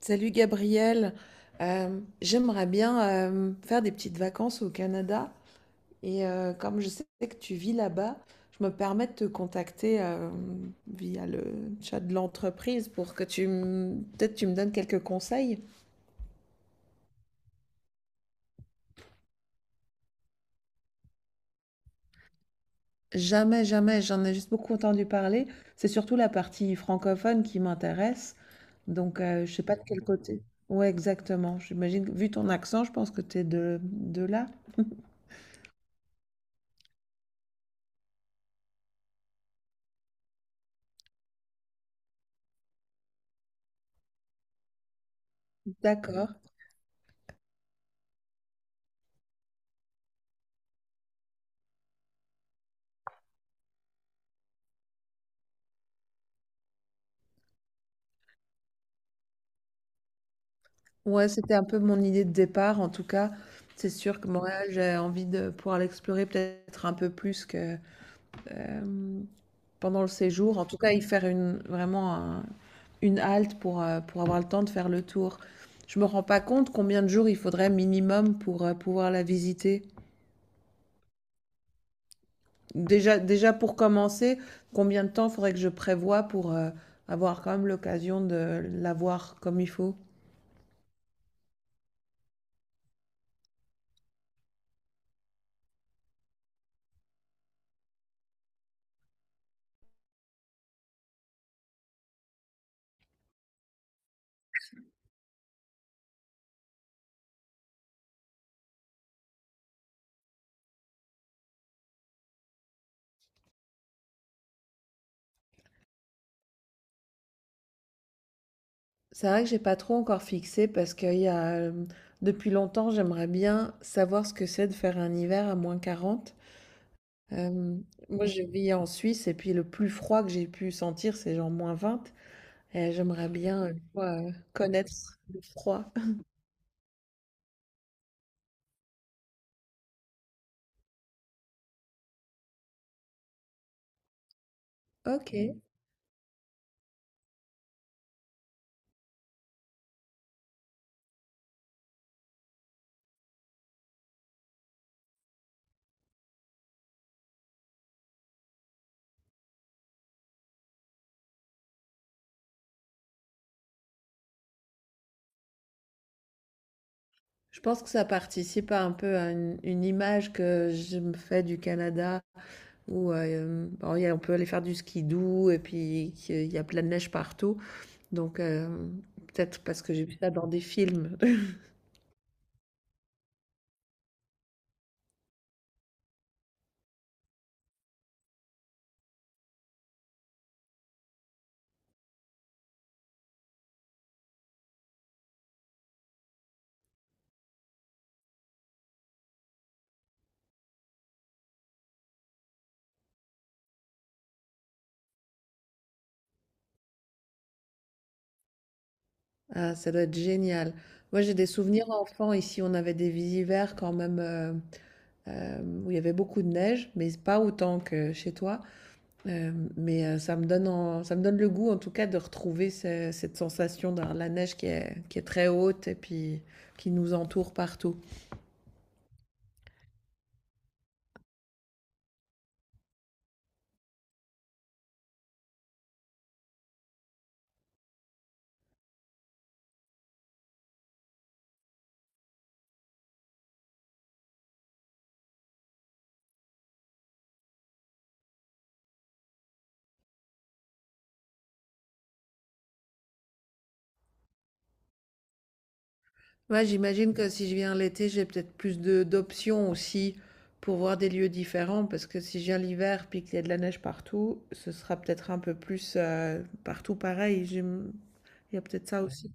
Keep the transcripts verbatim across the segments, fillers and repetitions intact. Salut Gabriel, Euh, j'aimerais bien euh, faire des petites vacances au Canada et euh, comme je sais que tu vis là-bas, je me permets de te contacter euh, via le chat de l'entreprise pour que tu me- peut-être tu me donnes quelques conseils. Jamais, jamais, j'en ai juste beaucoup entendu parler. C'est surtout la partie francophone qui m'intéresse, donc euh, je sais pas de quel côté. Ouais, exactement. J'imagine que vu ton accent, je pense que tu es de, de là. D'accord. Ouais, c'était un peu mon idée de départ en tout cas. C'est sûr que Montréal, j'ai envie de pouvoir l'explorer peut-être un peu plus que euh, pendant le séjour. En tout cas, y faire une, vraiment un- une halte pour, euh, pour avoir le temps de faire le tour. Je me rends pas compte combien de jours il faudrait minimum pour euh, pouvoir la visiter. Déjà, déjà pour commencer, combien de temps faudrait que je prévoie pour euh, avoir quand même l'occasion de la voir comme il faut? C'est vrai que j'ai pas trop encore fixé parce qu'il y a, euh, depuis longtemps, j'aimerais bien savoir ce que c'est de faire un hiver à moins quarante. Euh, moi, je vis en Suisse et puis le plus froid que j'ai pu sentir, c'est genre moins vingt. Et j'aimerais bien, euh, tu vois, euh, connaître le froid. Ok. Je pense que ça participe à un peu à une, une image que je me fais du Canada où euh, bon, il y a- on peut aller faire du ski doux et puis qu'il y a plein de neige partout. Donc, euh, peut-être parce que j'ai vu ça dans des films. Ah, ça doit être génial. Moi, j'ai des souvenirs enfants. Ici, on avait des hivers quand même, euh, euh, où il y avait beaucoup de neige, mais pas autant que chez toi. Euh, mais euh, ça me donne en- ça me donne le goût, en tout cas, de retrouver ce- cette sensation de la neige qui est, qui est très haute et puis qui nous entoure partout. Ouais, j'imagine que si je viens l'été, j'ai peut-être plus de d'options aussi pour voir des lieux différents, parce que si je viens l'hiver puis qu'il y a de la neige partout, ce sera peut-être un peu plus, euh, partout pareil. J'im- Il y a peut-être ça aussi.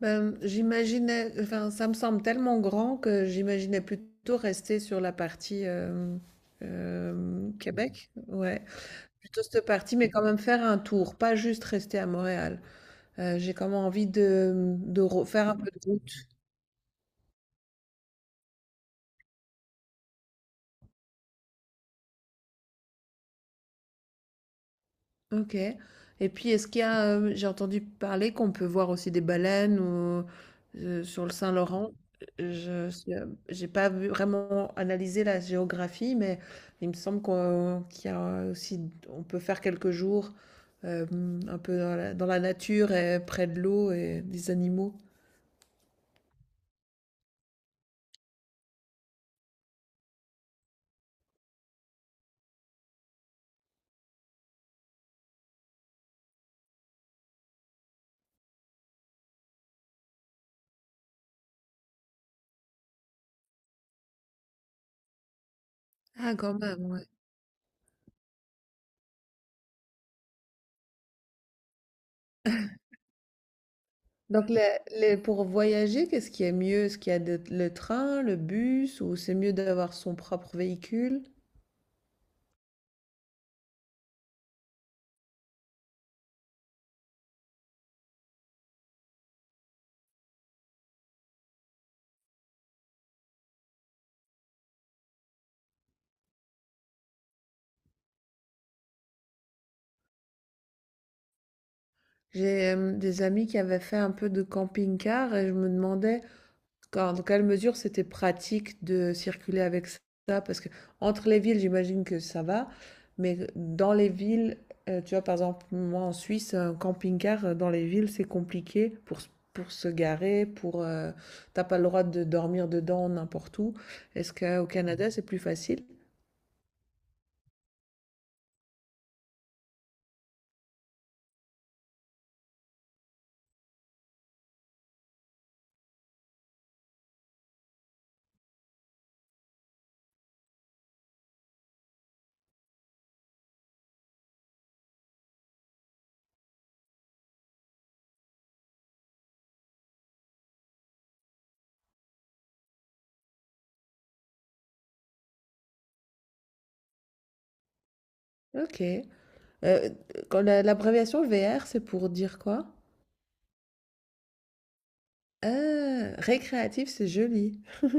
Ben, j'imaginais, enfin, ça me semble tellement grand que j'imaginais plutôt rester sur la partie euh, euh, Québec. Ouais, plutôt cette partie, mais quand même faire un tour, pas juste rester à Montréal. Euh, j'ai comme envie de, de re- faire un peu de route. OK. Et puis est-ce qu'il y a, heu, j'ai entendu parler qu'on peut voir aussi des baleines ou, heu, sur le Saint-Laurent. Je sais, j'ai pas vu vraiment analysé la géographie, mais il me semble qu'on qu'il y a aussi on peut faire quelques jours, hem, un peu dans la dans la nature et près de l'eau et des animaux. Ah quand même, ouais. Donc les les pour voyager, qu'est-ce qui est mieux? Est-ce qu'il y a de le train, le bus ou c'est mieux d'avoir son propre véhicule? J'ai, hem, des amis qui avaient fait un peu de camping-car et je me demandais d'accord, dans quelle mesure c'était pratique de circuler avec ça? Parce que entre les villes, j'imagine que ça va, mais dans les villes, euh, tu vois, par exemple, moi en Suisse, un camping-car euh, dans les villes, c'est compliqué pour, s- pour se garer, pour euh, t'as pas le droit de dormir dedans n'importe où. Est-ce qu'au Canada, c'est plus facile? Ok. Euh, quand la- l'abréviation V R, c'est pour dire quoi? Ah, récréatif, c'est joli.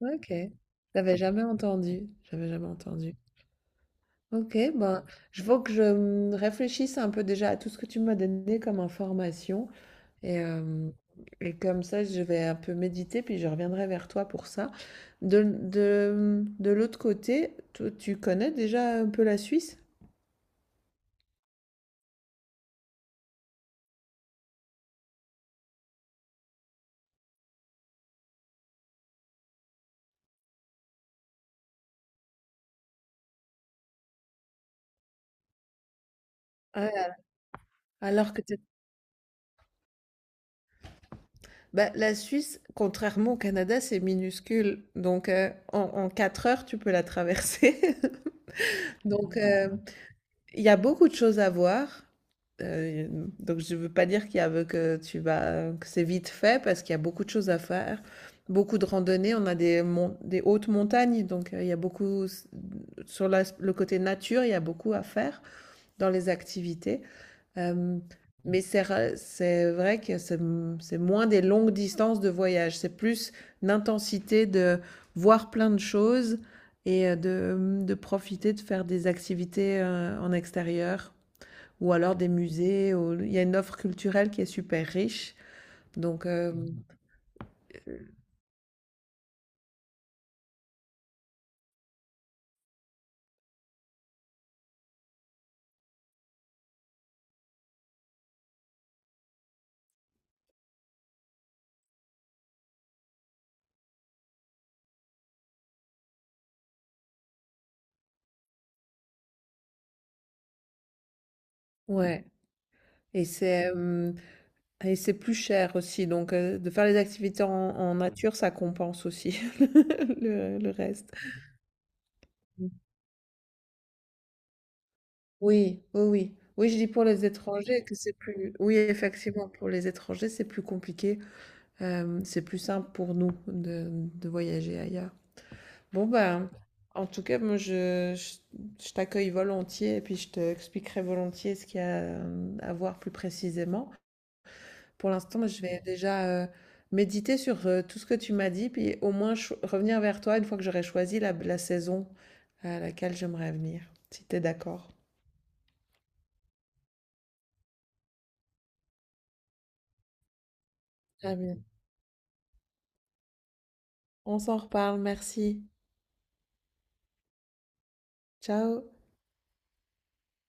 Ok. J'avais jamais entendu. J'avais jamais entendu. Ok, ben, je faut que je hum, réfléchisse un peu déjà à tout ce que tu m'as donné comme information et, euh, et comme ça je vais un peu méditer puis je reviendrai vers toi pour ça. De, de, de l'autre côté, toi, tu connais déjà un peu la Suisse? Ouais. Alors que tu... Bah, la Suisse, contrairement au Canada, c'est minuscule. Donc, euh, en, en quatre heures, tu peux la traverser. Donc, euh, il y a beaucoup de choses à voir. Euh, donc, je ne veux pas dire qu'il y a, que tu vas, que c'est vite fait parce qu'il y a beaucoup de choses à faire. Beaucoup de randonnées. On a des, mon- des hautes montagnes. Donc, euh, il y a beaucoup, sur la- le côté nature, il y a beaucoup à faire dans les activités. Euh, mais c'est ra- c'est vrai que c'est c'est moins des longues distances de voyage, c'est plus une intensité de voir plein de choses et, euh, de, mmh, de profiter de faire des activités euh, en extérieur ou alors des musées. ou- Il y a une offre culturelle qui est super riche. Donc, euh, Mhm. Ouais. Et c'est euh, et c'est plus cher aussi. Donc, euh, de faire les activités en, en nature, ça compense aussi le, le reste. Oui, oui, oui. Oui, je dis pour les étrangers que c'est plus... Oui, effectivement, pour les étrangers, c'est plus compliqué. Euh, c'est plus simple pour nous de, de voyager ailleurs. Bon, ben, en tout cas, moi, je, je, je t'accueille volontiers et puis je t'expliquerai volontiers ce qu'il y a euh, à voir plus précisément. Pour l'instant, moi, je vais déjà euh, méditer sur euh, tout ce que tu m'as dit, puis au moins cho- revenir vers toi une fois que j'aurai choisi la, la saison à laquelle j'aimerais venir, si tu es d'accord. À bientôt. On s'en reparle, merci. Ciao.